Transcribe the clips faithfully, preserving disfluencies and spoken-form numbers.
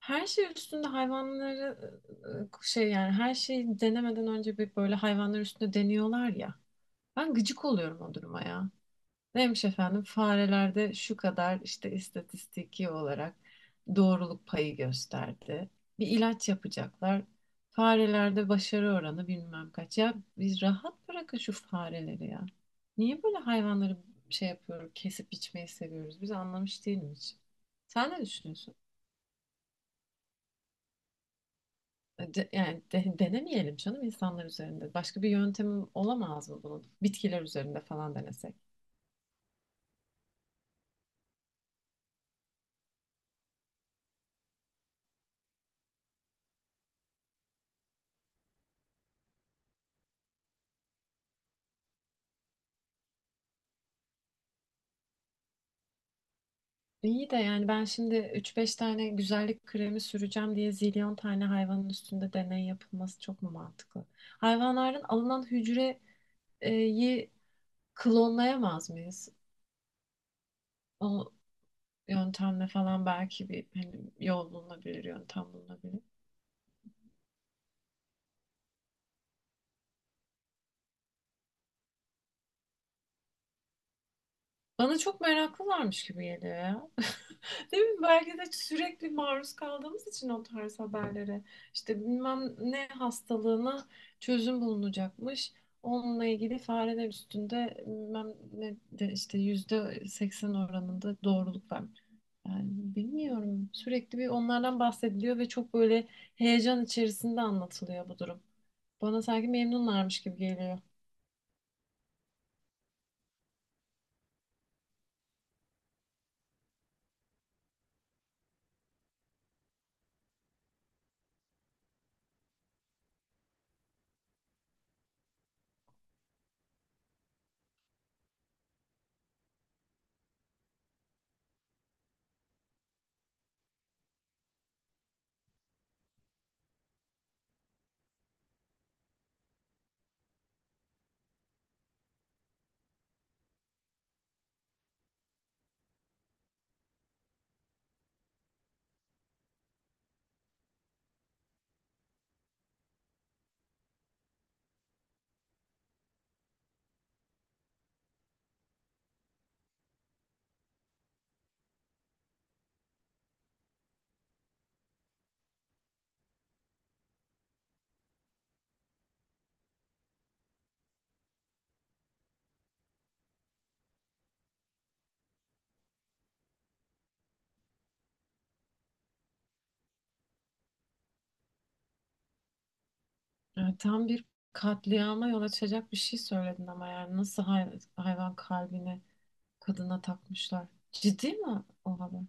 Her şey üstünde hayvanları e, şey yani her şeyi denemeden önce bir böyle hayvanlar üstünde deniyorlar ya. Ben gıcık oluyorum o duruma ya. Neymiş efendim farelerde şu kadar işte istatistiki olarak doğruluk payı gösterdi. Bir ilaç yapacaklar. Farelerde başarı oranı bilmem kaç. Ya biz rahat bırakın şu fareleri ya. Niye böyle hayvanları şey yapıyoruz, kesip biçmeyi seviyoruz? Biz anlamış değilim hiç. Sen ne düşünüyorsun? De- yani de- denemeyelim canım insanlar üzerinde. Başka bir yöntemim olamaz mı bunun? Bitkiler üzerinde falan denesek. İyi de yani ben şimdi üç beş tane güzellik kremi süreceğim diye zilyon tane hayvanın üstünde deney yapılması çok mu mantıklı? Hayvanların alınan hücreyi klonlayamaz mıyız? O yöntemle falan belki bir hani yol bulunabilir, yöntem bulunabilir. Bana çok meraklılarmış gibi geliyor ya. Değil mi? Belki de sürekli maruz kaldığımız için o tarz haberlere. İşte bilmem ne hastalığına çözüm bulunacakmış. Onunla ilgili fareler üstünde bilmem ne de işte yüzde seksen oranında doğruluk var. Yani bilmiyorum. Sürekli bir onlardan bahsediliyor ve çok böyle heyecan içerisinde anlatılıyor bu durum. Bana sanki memnunlarmış gibi geliyor. Yani tam bir katliama yol açacak bir şey söyledin ama yani nasıl hay- hayvan kalbini kadına takmışlar. Ciddi mi o haber?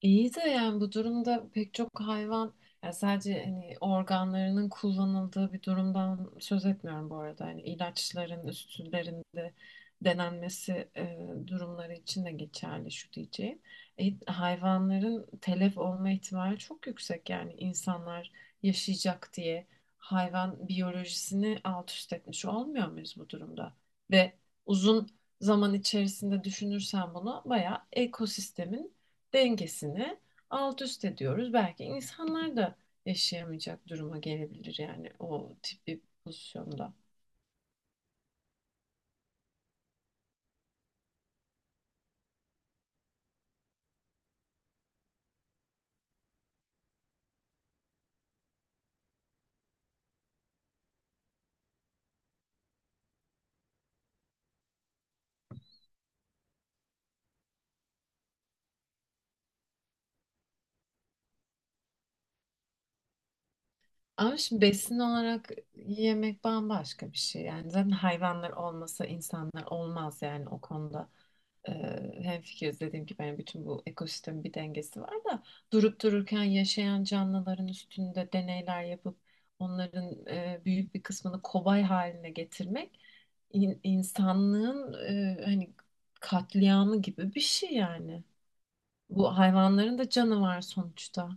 İyi de yani bu durumda pek çok hayvan yani sadece hani organlarının kullanıldığı bir durumdan söz etmiyorum bu arada. Hani ilaçların üstlerinde denenmesi e, durumları için de geçerli şu diyeceğim. E, hayvanların telef olma ihtimali çok yüksek yani insanlar yaşayacak diye hayvan biyolojisini alt üst etmiş olmuyor muyuz bu durumda? Ve uzun zaman içerisinde düşünürsen bunu bayağı ekosistemin dengesini alt üst ediyoruz. Belki insanlar da yaşayamayacak duruma gelebilir yani o tip bir pozisyonda. Ama şimdi besin olarak yemek bambaşka bir şey. Yani zaten hayvanlar olmasa insanlar olmaz yani o konuda. Ee, Hemfikiriz dediğim gibi yani bütün bu ekosistemin bir dengesi var da durup dururken yaşayan canlıların üstünde deneyler yapıp onların e, büyük bir kısmını kobay haline getirmek in- insanlığın e, hani katliamı gibi bir şey yani. Bu hayvanların da canı var sonuçta.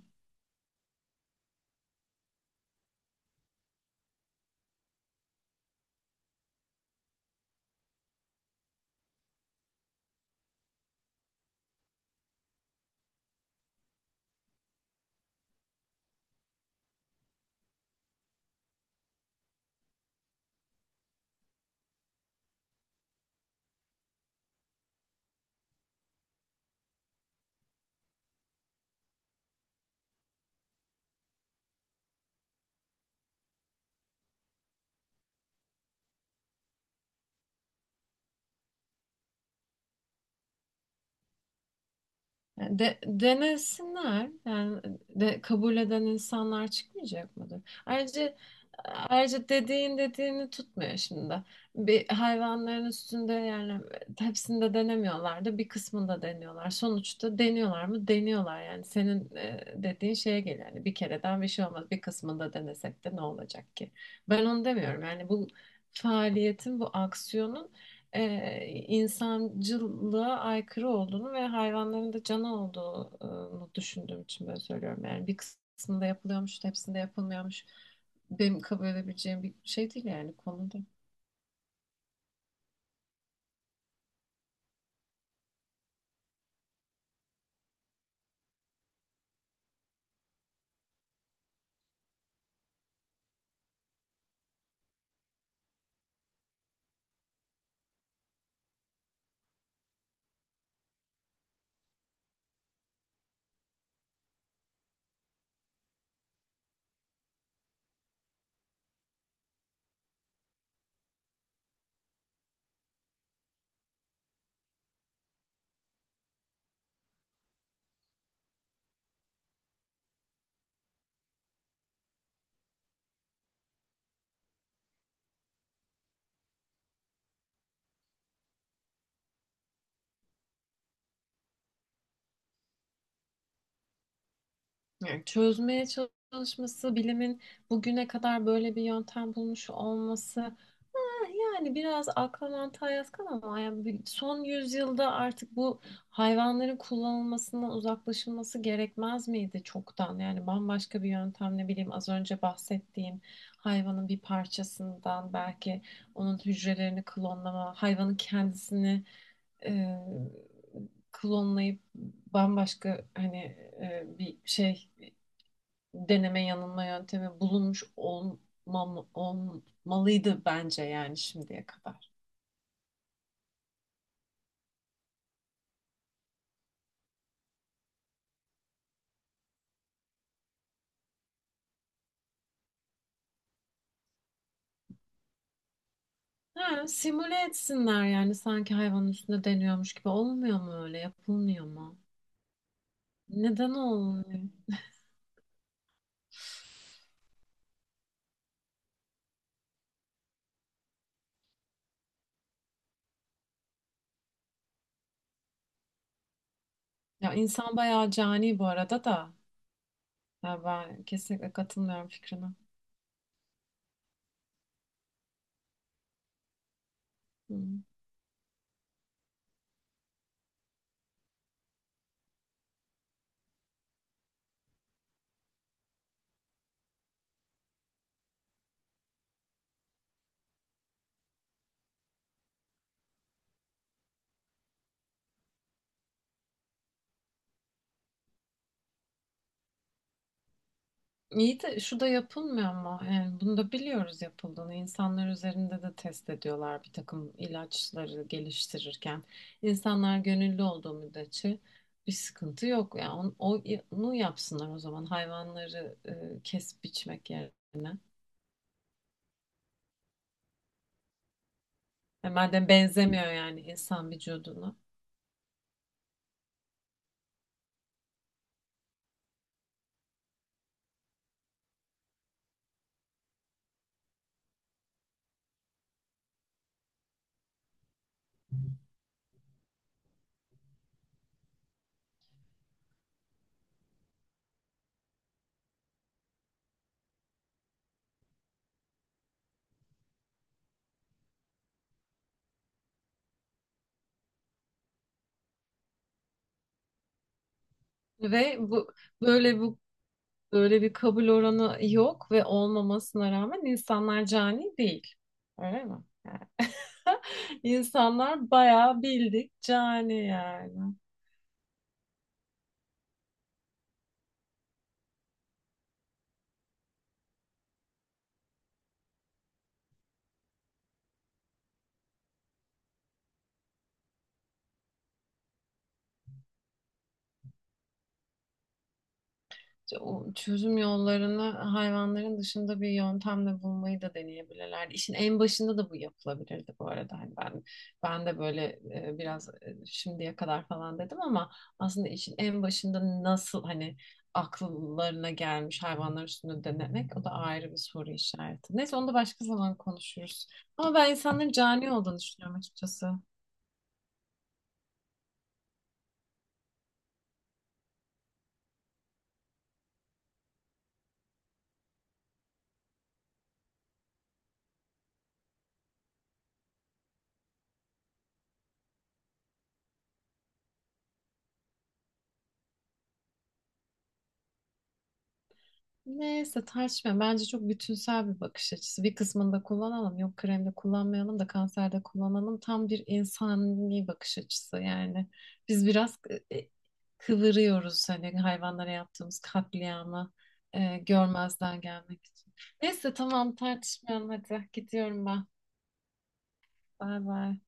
Yani De, denesinler. Yani e, de, kabul eden insanlar çıkmayacak mıdır? Ayrıca ayrıca dediğin dediğini tutmuyor şimdi. Bir hayvanların üstünde yani hepsinde denemiyorlar da bir kısmında deniyorlar. Sonuçta deniyorlar mı? Deniyorlar yani. Senin e, dediğin şeye geliyor. Yani bir kereden bir şey olmaz. Bir kısmında denesek de ne olacak ki? Ben onu demiyorum. Yani bu faaliyetin, bu aksiyonun e, insancılığa aykırı olduğunu ve hayvanların da canı olduğunu düşündüğüm için böyle söylüyorum. Yani bir kısmında yapılıyormuş, hepsinde yapılmıyormuş. Benim kabul edebileceğim bir şey değil yani konuda. Yani çözmeye çalışması, bilimin bugüne kadar böyle bir yöntem bulmuş olması, yani biraz akla mantığa yatkın ama yani bir- son yüzyılda artık bu hayvanların kullanılmasından uzaklaşılması gerekmez miydi çoktan? Yani bambaşka bir yöntem ne bileyim az önce bahsettiğim hayvanın bir parçasından belki onun hücrelerini klonlama, hayvanın kendisini e, klonlayıp bambaşka hani e, bir şey deneme yanılma yöntemi bulunmuş olmam, olmalıydı bence yani şimdiye kadar. Ha, simüle etsinler yani sanki hayvanın üstünde deniyormuş gibi olmuyor mu, öyle yapılmıyor mu? Neden olmuyor? Ya insan bayağı cani bu arada da. Ya ben kesinlikle katılmıyorum fikrine. Hı. İyi de şu da yapılmıyor mu? Yani bunu da biliyoruz yapıldığını. İnsanlar üzerinde de test ediyorlar bir takım ilaçları geliştirirken. İnsanlar gönüllü olduğu müddetçe bir sıkıntı yok. Yani on- o- onu yapsınlar o zaman hayvanları e, kesip biçmek yerine. E, madem benzemiyor yani insan vücuduna. Ve bu böyle bu böyle bir kabul oranı yok ve olmamasına rağmen insanlar cani değil. Öyle mi? İnsanlar bayağı bildik cani yani. İşte o çözüm yollarını hayvanların dışında bir yöntemle bulmayı da deneyebilirlerdi. İşin en başında da bu yapılabilirdi bu arada. Hani ben ben de böyle e, biraz e, şimdiye kadar falan dedim ama aslında işin en başında nasıl hani akıllarına gelmiş hayvanlar üstünde denemek, o da ayrı bir soru işareti. Neyse onu da başka zaman konuşuruz. Ama ben insanların cani olduğunu düşünüyorum açıkçası. Neyse tartışmayalım. Bence çok bütünsel bir bakış açısı. Bir kısmını da kullanalım. Yok kremde kullanmayalım da kanserde kullanalım. Tam bir insani bakış açısı yani. Biz biraz e, e, kıvırıyoruz hani hayvanlara yaptığımız katliamı e, görmezden gelmek için. Neyse tamam, tartışmayalım hadi. Gidiyorum ben. Bay bay.